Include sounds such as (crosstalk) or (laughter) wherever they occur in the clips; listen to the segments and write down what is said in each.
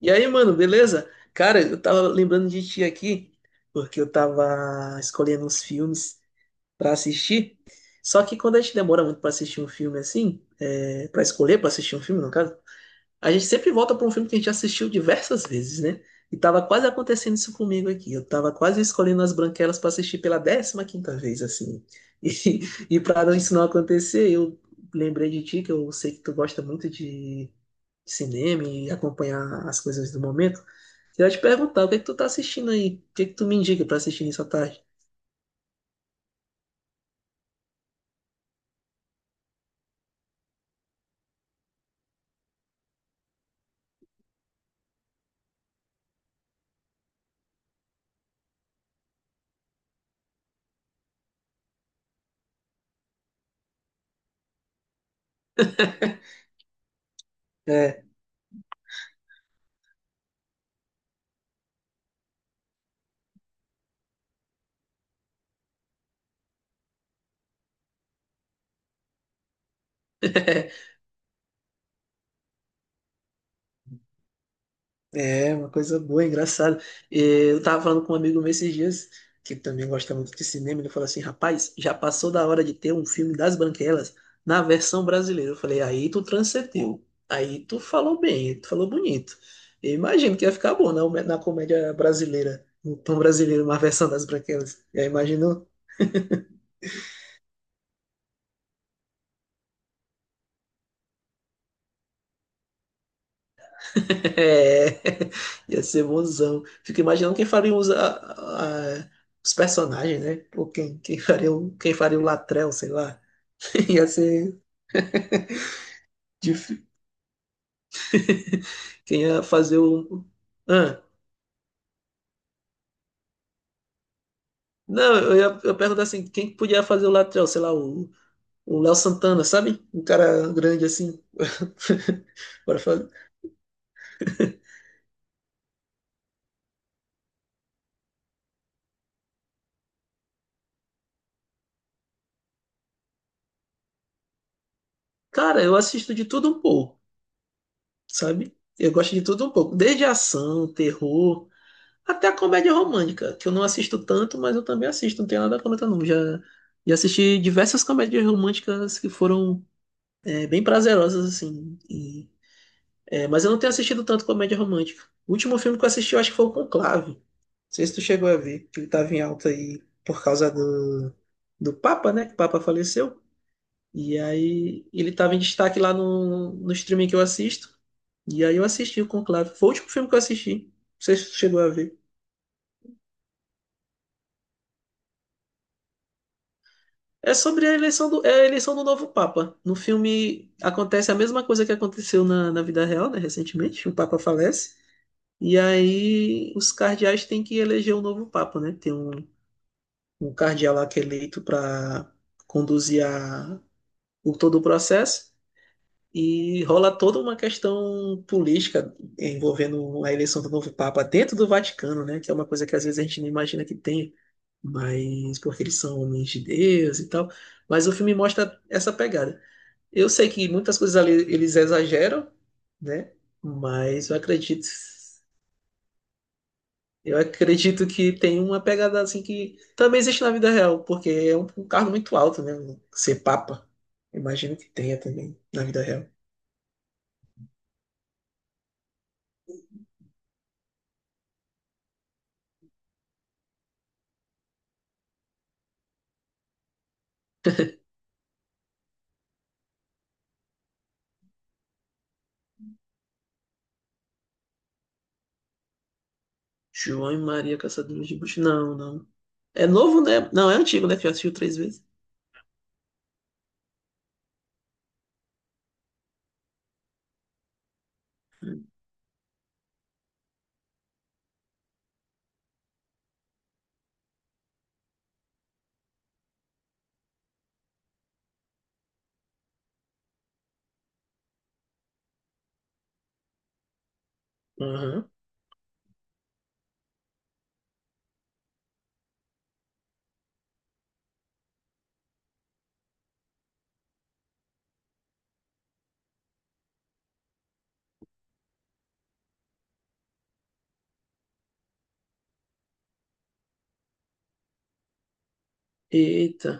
E aí, mano, beleza? Cara, eu tava lembrando de ti aqui, porque eu tava escolhendo uns filmes pra assistir. Só que quando a gente demora muito pra assistir um filme assim, para escolher pra assistir um filme, no caso, a gente sempre volta pra um filme que a gente assistiu diversas vezes, né? E tava quase acontecendo isso comigo aqui. Eu tava quase escolhendo As Branquelas pra assistir pela 15ª vez, assim. (laughs) E pra não- isso não acontecer, eu lembrei de ti, que eu sei que tu gosta muito de cinema e acompanhar as coisas do momento. Eu ia te perguntar, o que é que tu tá assistindo aí? O que é que tu me indica pra assistir nessa tarde? É, (laughs) é uma coisa boa, engraçada. Eu tava falando com um amigo meu esses dias, que também gosta muito de cinema, ele falou assim, rapaz, já passou da hora de ter um filme das Branquelas na versão brasileira. Eu falei, aí tu transcendeu, aí tu falou bem, tu falou bonito. Eu imagino que ia ficar bom na comédia brasileira, no tom brasileiro, uma versão das Branquelas. Eu imagino. (laughs) É, ia ser bonzão. Fico imaginando quem faria os personagens, né? Ou quem faria o Latrell, sei lá. (laughs) Ia ser difícil. Quem ia fazer o. Ah, não, eu pergunto assim: quem podia fazer o Latrell? Sei lá, o Léo Santana, sabe? Um cara grande assim. (laughs) Bora fazer. Cara, eu assisto de tudo um pouco, sabe? Eu gosto de tudo um pouco, desde ação, terror. Até a comédia romântica, que eu não assisto tanto, mas eu também assisto, não tenho nada contra não. Já assisti diversas comédias românticas que foram bem prazerosas, assim. Mas eu não tenho assistido tanto comédia romântica. O último filme que eu assisti, eu acho que foi o Conclave. Não sei se tu chegou a ver, que ele tava em alta aí por causa do Papa, né? Que o Papa faleceu. E aí ele tava em destaque lá no streaming que eu assisto. E aí eu assisti o Conclave. Foi o último filme que eu assisti. Não sei se tu chegou a ver. É sobre a eleição do. É a eleição do novo Papa. No filme acontece a mesma coisa que aconteceu na vida real, né? Recentemente, o Papa falece. E aí os cardeais têm que eleger um novo Papa, né? Tem um cardeal lá que é eleito para conduzir todo o processo. E rola toda uma questão política envolvendo a eleição do novo Papa dentro do Vaticano, né? Que é uma coisa que às vezes a gente não imagina que tem, mas porque eles são homens de Deus e tal. Mas o filme mostra essa pegada. Eu sei que muitas coisas ali eles exageram, né? Mas eu acredito que tem uma pegada assim que também existe na vida real, porque é um cargo muito alto, né? Ser papa. Imagino que tenha também na vida real. João e Maria Caçadores de Bruxas. Não, não. É novo, né? Não, é antigo, né? Que já assistiu 3 vezes. Aham. Eita.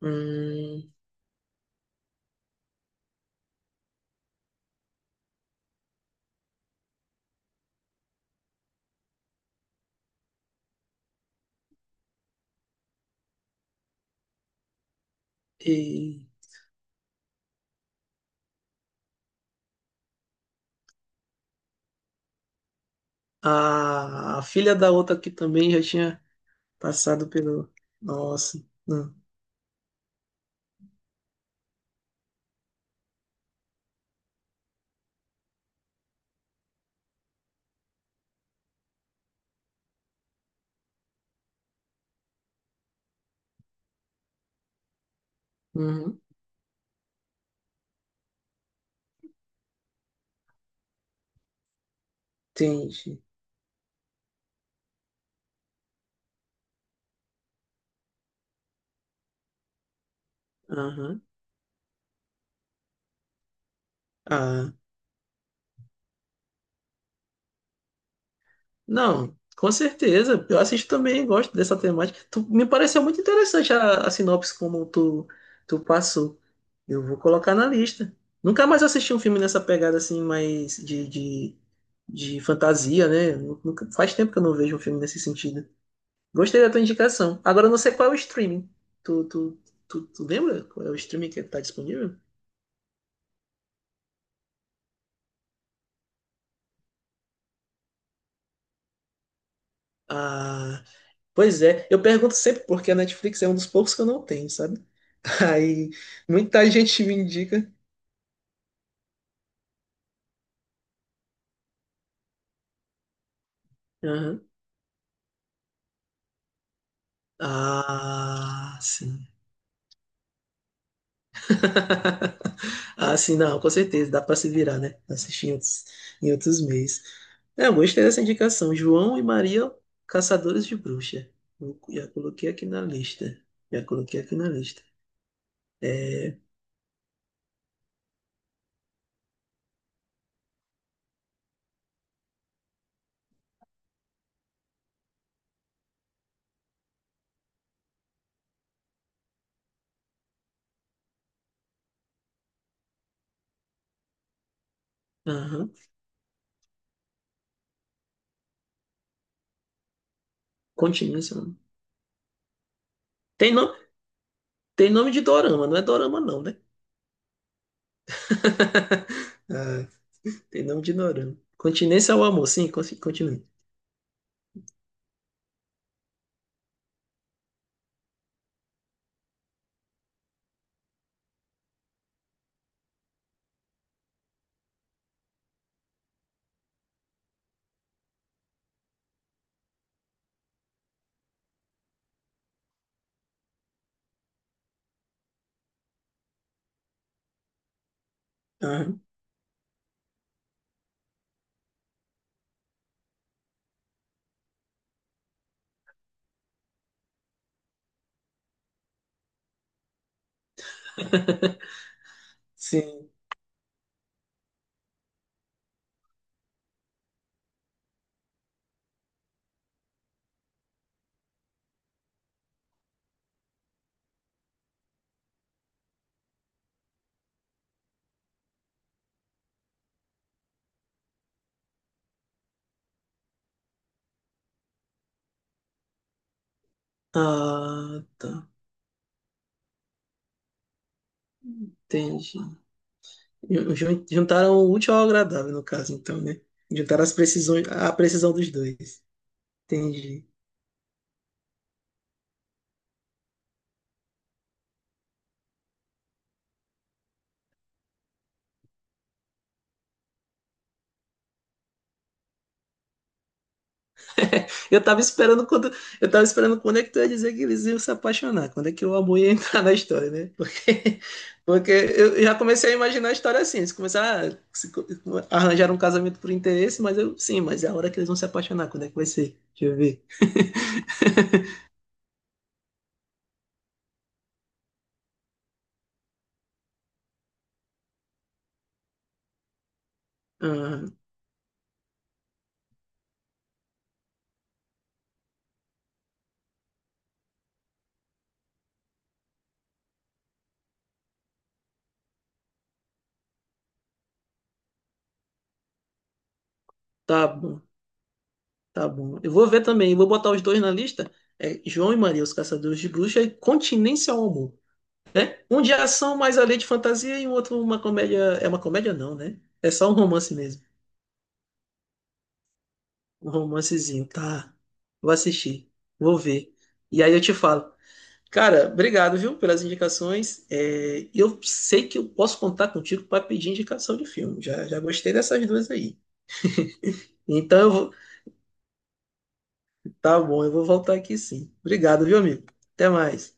Hum, e a filha da outra que também já tinha passado pelo. Nossa. Não. Hum. Entendi. Aham. Ah, não, com certeza. Eu assisto também, gosto dessa temática. Tu- me pareceu muito interessante a sinopse como tu, tu passou. Eu vou colocar na lista. Nunca mais assisti um filme nessa pegada assim, mais de fantasia, né? Nunca- faz tempo que eu não vejo um filme nesse sentido. Gostei da tua indicação. Agora eu não sei qual é o streaming. Tu, tu, tu lembra qual é o streaming que tá disponível? Ah, pois é. Eu pergunto sempre porque a Netflix é um dos poucos que eu não tenho, sabe? Aí muita gente me indica. Aham. Ah, sim. (laughs) Ah, sim, não, com certeza, dá pra se virar, né? Assistir em outros meios. É, eu gostei dessa indicação. João e Maria, Caçadores de Bruxa. Eu Já coloquei aqui na lista. Já coloquei aqui na lista. É, aham. Continua, seu nome. Tem, no, tem nome de dorama, não é dorama não, né? (laughs) Ah, tem nome de dorama. Continência ao amor, sim, continue. Aham. (laughs) Sim. Ah, tá. Entendi. Juntaram o útil ao agradável, no caso, então, né? Juntaram as precisões, a precisão dos dois. Entendi. Eu tava esperando eu tava esperando quando é que tu ia dizer que eles iam se apaixonar, quando é que o amor ia (laughs) entrar na história, né? Porque, porque eu já comecei a imaginar a história assim, eles começaram a se co- arranjar um casamento por interesse, mas eu, sim, mas é a hora que eles vão se apaixonar, quando é que vai ser? Deixa eu ver. (laughs) Ah, tá bom. Tá bom. Eu vou ver também, vou botar os dois na lista. É João e Maria, os Caçadores de Bruxas, e Continência ao Amor. Um de ação, mais além de fantasia, e o outro uma comédia. É uma comédia, não, né? É só um romance mesmo. Um romancezinho. Tá. Vou assistir. Vou ver. E aí eu te falo. Cara, obrigado, viu, pelas indicações. É, eu sei que eu posso contar contigo para pedir indicação de filme. Já, já gostei dessas duas aí. Então, eu vou... tá bom, eu vou voltar aqui sim. Obrigado, viu, amigo? Até mais.